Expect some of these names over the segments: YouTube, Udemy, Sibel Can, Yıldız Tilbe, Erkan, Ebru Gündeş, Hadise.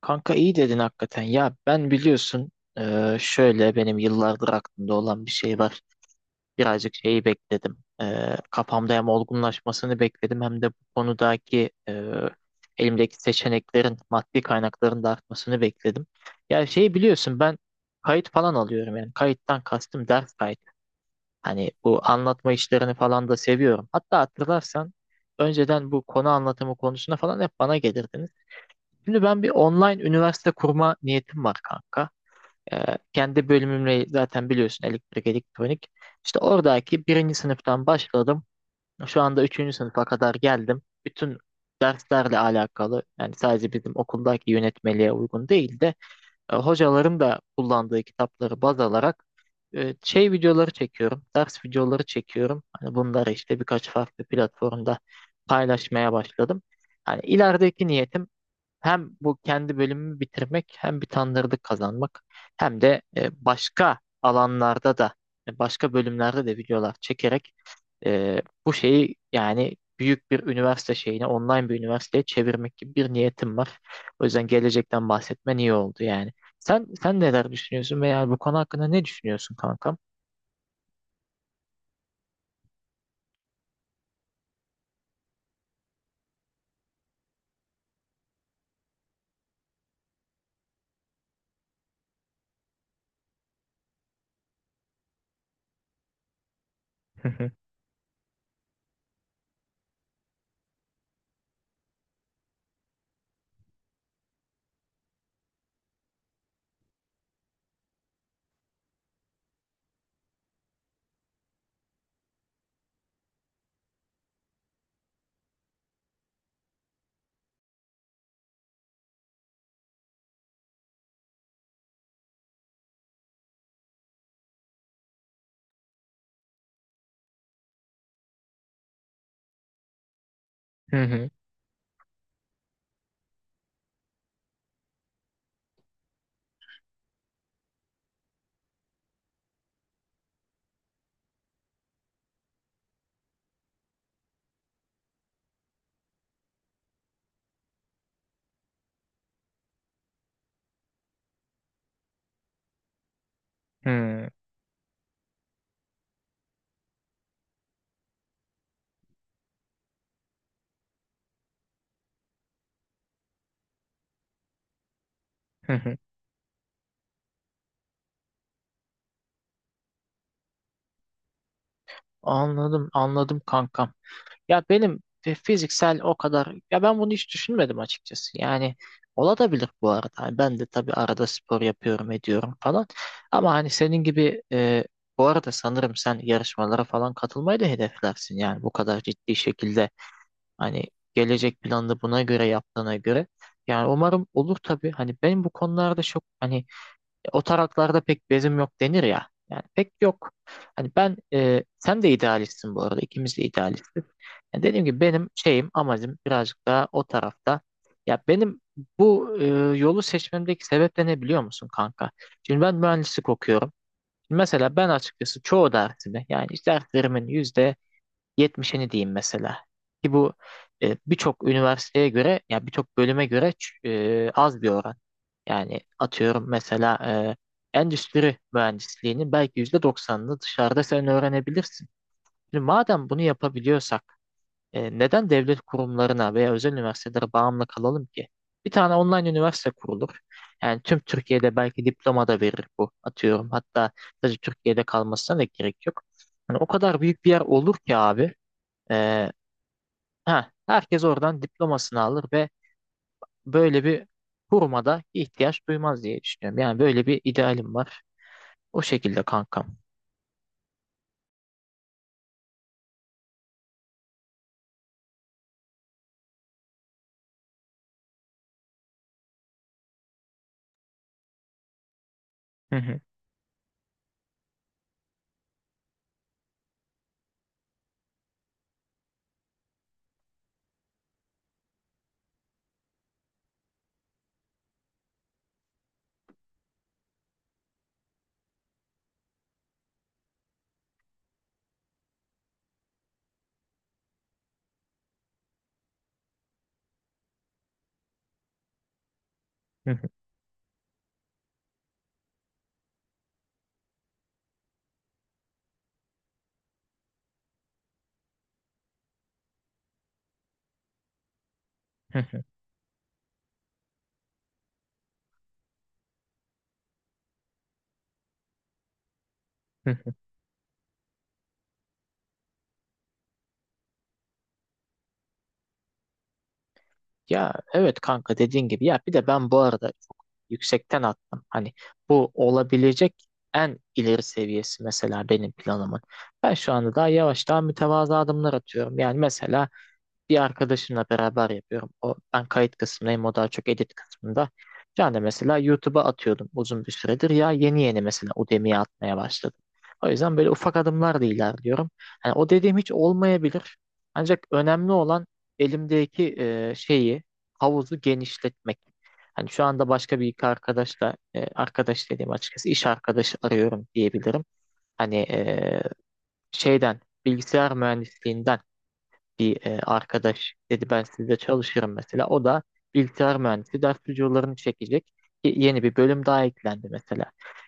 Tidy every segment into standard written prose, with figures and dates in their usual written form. Kanka iyi dedin hakikaten. Ya ben biliyorsun şöyle benim yıllardır aklımda olan bir şey var. Birazcık şeyi bekledim. Kafamda hem olgunlaşmasını bekledim hem de bu konudaki elimdeki seçeneklerin maddi kaynakların da artmasını bekledim. Ya şeyi biliyorsun ben kayıt falan alıyorum, yani kayıttan kastım ders kayıt. Hani bu anlatma işlerini falan da seviyorum. Hatta hatırlarsan önceden bu konu anlatımı konusuna falan hep bana gelirdiniz. Şimdi ben bir online üniversite kurma niyetim var kanka. Kendi bölümümle zaten biliyorsun elektrik elektronik. İşte oradaki birinci sınıftan başladım. Şu anda üçüncü sınıfa kadar geldim. Bütün derslerle alakalı, yani sadece bizim okuldaki yönetmeliğe uygun değil de hocaların da kullandığı kitapları baz alarak şey videoları çekiyorum. Ders videoları çekiyorum. Hani bunları işte birkaç farklı platformda paylaşmaya başladım. Hani ilerideki niyetim hem bu kendi bölümümü bitirmek, hem bir tanıdık kazanmak, hem de başka alanlarda da başka bölümlerde de videolar çekerek bu şeyi, yani büyük bir üniversite şeyine, online bir üniversiteye çevirmek gibi bir niyetim var. O yüzden gelecekten bahsetmen iyi oldu yani. Sen neler düşünüyorsun veya bu konu hakkında ne düşünüyorsun kankam? Anladım, anladım kankam. Ya benim fiziksel o kadar, ya ben bunu hiç düşünmedim açıkçası. Yani olabilir bu arada. Hani ben de tabii arada spor yapıyorum, ediyorum falan. Ama hani senin gibi bu arada sanırım sen yarışmalara falan katılmayı da hedeflersin. Yani bu kadar ciddi şekilde, hani gelecek planını buna göre yaptığına göre. Yani umarım olur tabii. Hani benim bu konularda çok, hani o taraklarda pek bezim yok denir ya. Yani pek yok. Hani ben sen de idealistsin bu arada. İkimiz de idealistiz. Yani dediğim gibi benim şeyim, amacım birazcık daha o tarafta. Ya benim bu yolu seçmemdeki sebep de ne biliyor musun kanka? Şimdi ben mühendislik okuyorum. Şimdi mesela ben açıkçası çoğu dersimi, yani işte derslerimin yüzde 70'ini diyeyim mesela. Ki bu birçok üniversiteye göre, ya birçok bölüme göre az bir oran. Yani atıyorum mesela endüstri mühendisliğinin belki %90'ını dışarıda sen öğrenebilirsin. Şimdi madem bunu yapabiliyorsak neden devlet kurumlarına veya özel üniversitelere bağımlı kalalım ki? Bir tane online üniversite kurulur. Yani tüm Türkiye'de belki diploma da verir bu, atıyorum. Hatta sadece Türkiye'de kalmasına da gerek yok. Hani o kadar büyük bir yer olur ki abi. E, Ha, herkes oradan diplomasını alır ve böyle bir kuruma da ihtiyaç duymaz diye düşünüyorum. Yani böyle bir idealim var. O şekilde kankam. Hı hı, hı hı, hı hı, hı hı. Ya evet kanka, dediğin gibi, ya bir de ben bu arada çok yüksekten attım. Hani bu olabilecek en ileri seviyesi mesela benim planımın. Ben şu anda daha yavaş, daha mütevazı adımlar atıyorum. Yani mesela bir arkadaşımla beraber yapıyorum. O, ben kayıt kısmındayım, o daha çok edit kısmında. Yani mesela YouTube'a atıyordum uzun bir süredir, ya yeni yeni mesela Udemy'ye atmaya başladım. O yüzden böyle ufak adımlarla ilerliyorum. Yani o dediğim hiç olmayabilir. Ancak önemli olan elimdeki şeyi, havuzu genişletmek. Hani şu anda başka bir iki arkadaşla, arkadaş dediğim açıkçası iş arkadaşı arıyorum diyebilirim. Hani şeyden, bilgisayar mühendisliğinden bir arkadaş dedi ben sizde çalışırım mesela. O da bilgisayar mühendisi, ders videolarını çekecek. Yeni bir bölüm daha eklendi mesela.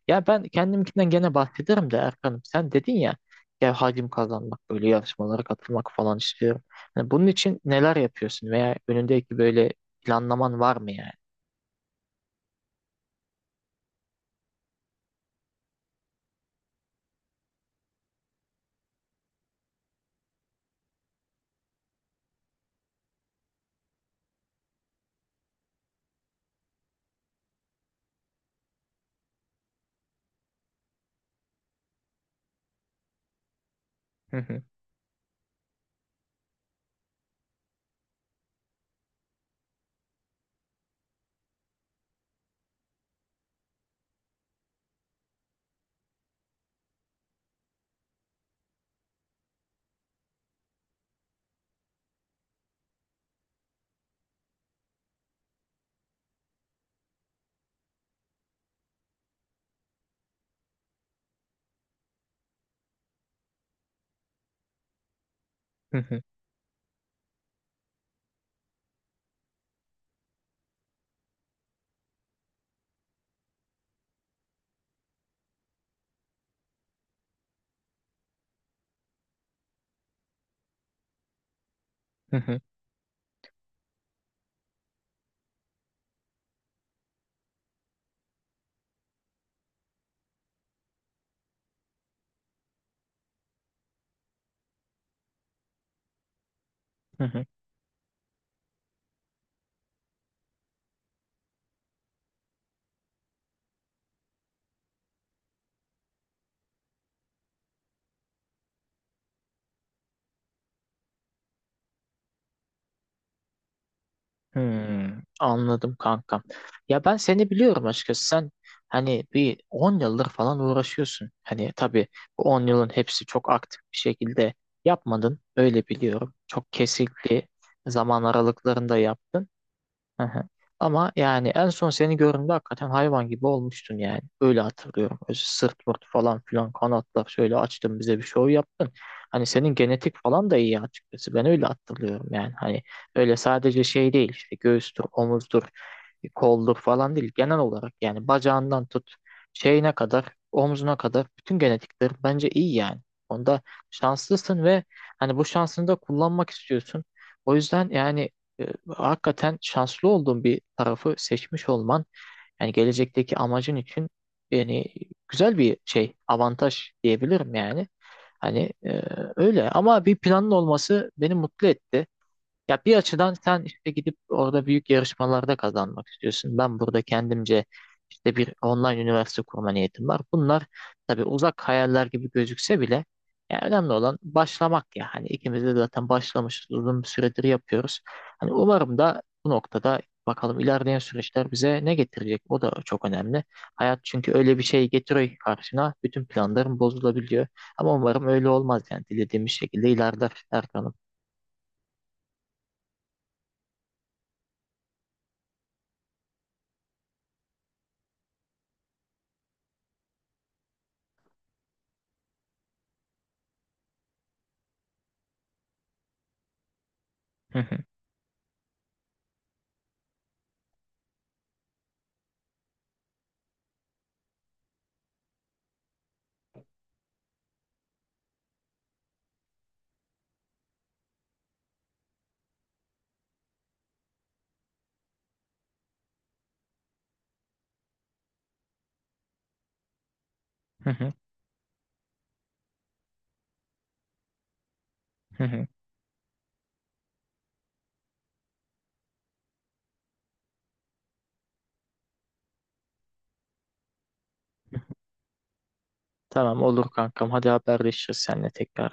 Ya ben kendimkinden gene bahsederim de, Erkan'ım sen dedin ya, ya hacim kazanmak, böyle yarışmalara katılmak falan istiyorum. Hani bunun için neler yapıyorsun veya önündeki böyle planlaman var mı yani? Hı hı, hı hı, hı hı, hı hı. Anladım kankam. Ya ben seni biliyorum açıkçası. Sen hani bir 10 yıldır falan uğraşıyorsun. Hani tabii bu 10 yılın hepsi çok aktif bir şekilde yapmadın. Öyle biliyorum. Çok kesikli zaman aralıklarında yaptın. Hı hı. Ama yani en son seni gördüğümde hakikaten hayvan gibi olmuştun yani. Öyle hatırlıyorum. Öyle sırt pırt falan filan, kanatlar şöyle açtın, bize bir şov yaptın. Hani senin genetik falan da iyi açıkçası. Ben öyle hatırlıyorum yani. Hani öyle sadece şey değil, işte göğüstür, omuzdur, koldur falan değil. Genel olarak yani bacağından tut, şeyine kadar, omzuna kadar bütün genetikler bence iyi yani. Onda şanslısın ve hani bu şansını da kullanmak istiyorsun. O yüzden yani hakikaten şanslı olduğun bir tarafı seçmiş olman, yani gelecekteki amacın için, yani güzel bir şey, avantaj diyebilirim yani. Hani öyle, ama bir planın olması beni mutlu etti. Ya bir açıdan sen işte gidip orada büyük yarışmalarda kazanmak istiyorsun. Ben burada kendimce işte bir online üniversite kurma niyetim var. Bunlar tabii uzak hayaller gibi gözükse bile, ya önemli olan başlamak ya. Hani ikimiz de zaten başlamışız, uzun bir süredir yapıyoruz. Hani umarım da, bu noktada bakalım, ilerleyen süreçler bize ne getirecek? O da çok önemli. Hayat çünkü öyle bir şey getiriyor ki karşına. Bütün planların bozulabiliyor. Ama umarım öyle olmaz, yani dilediğimiz şekilde ilerler Erkan'ım. Hı hı, hı hı, hı hı. Tamam, olur kankam. Hadi haberleşiriz seninle tekrar.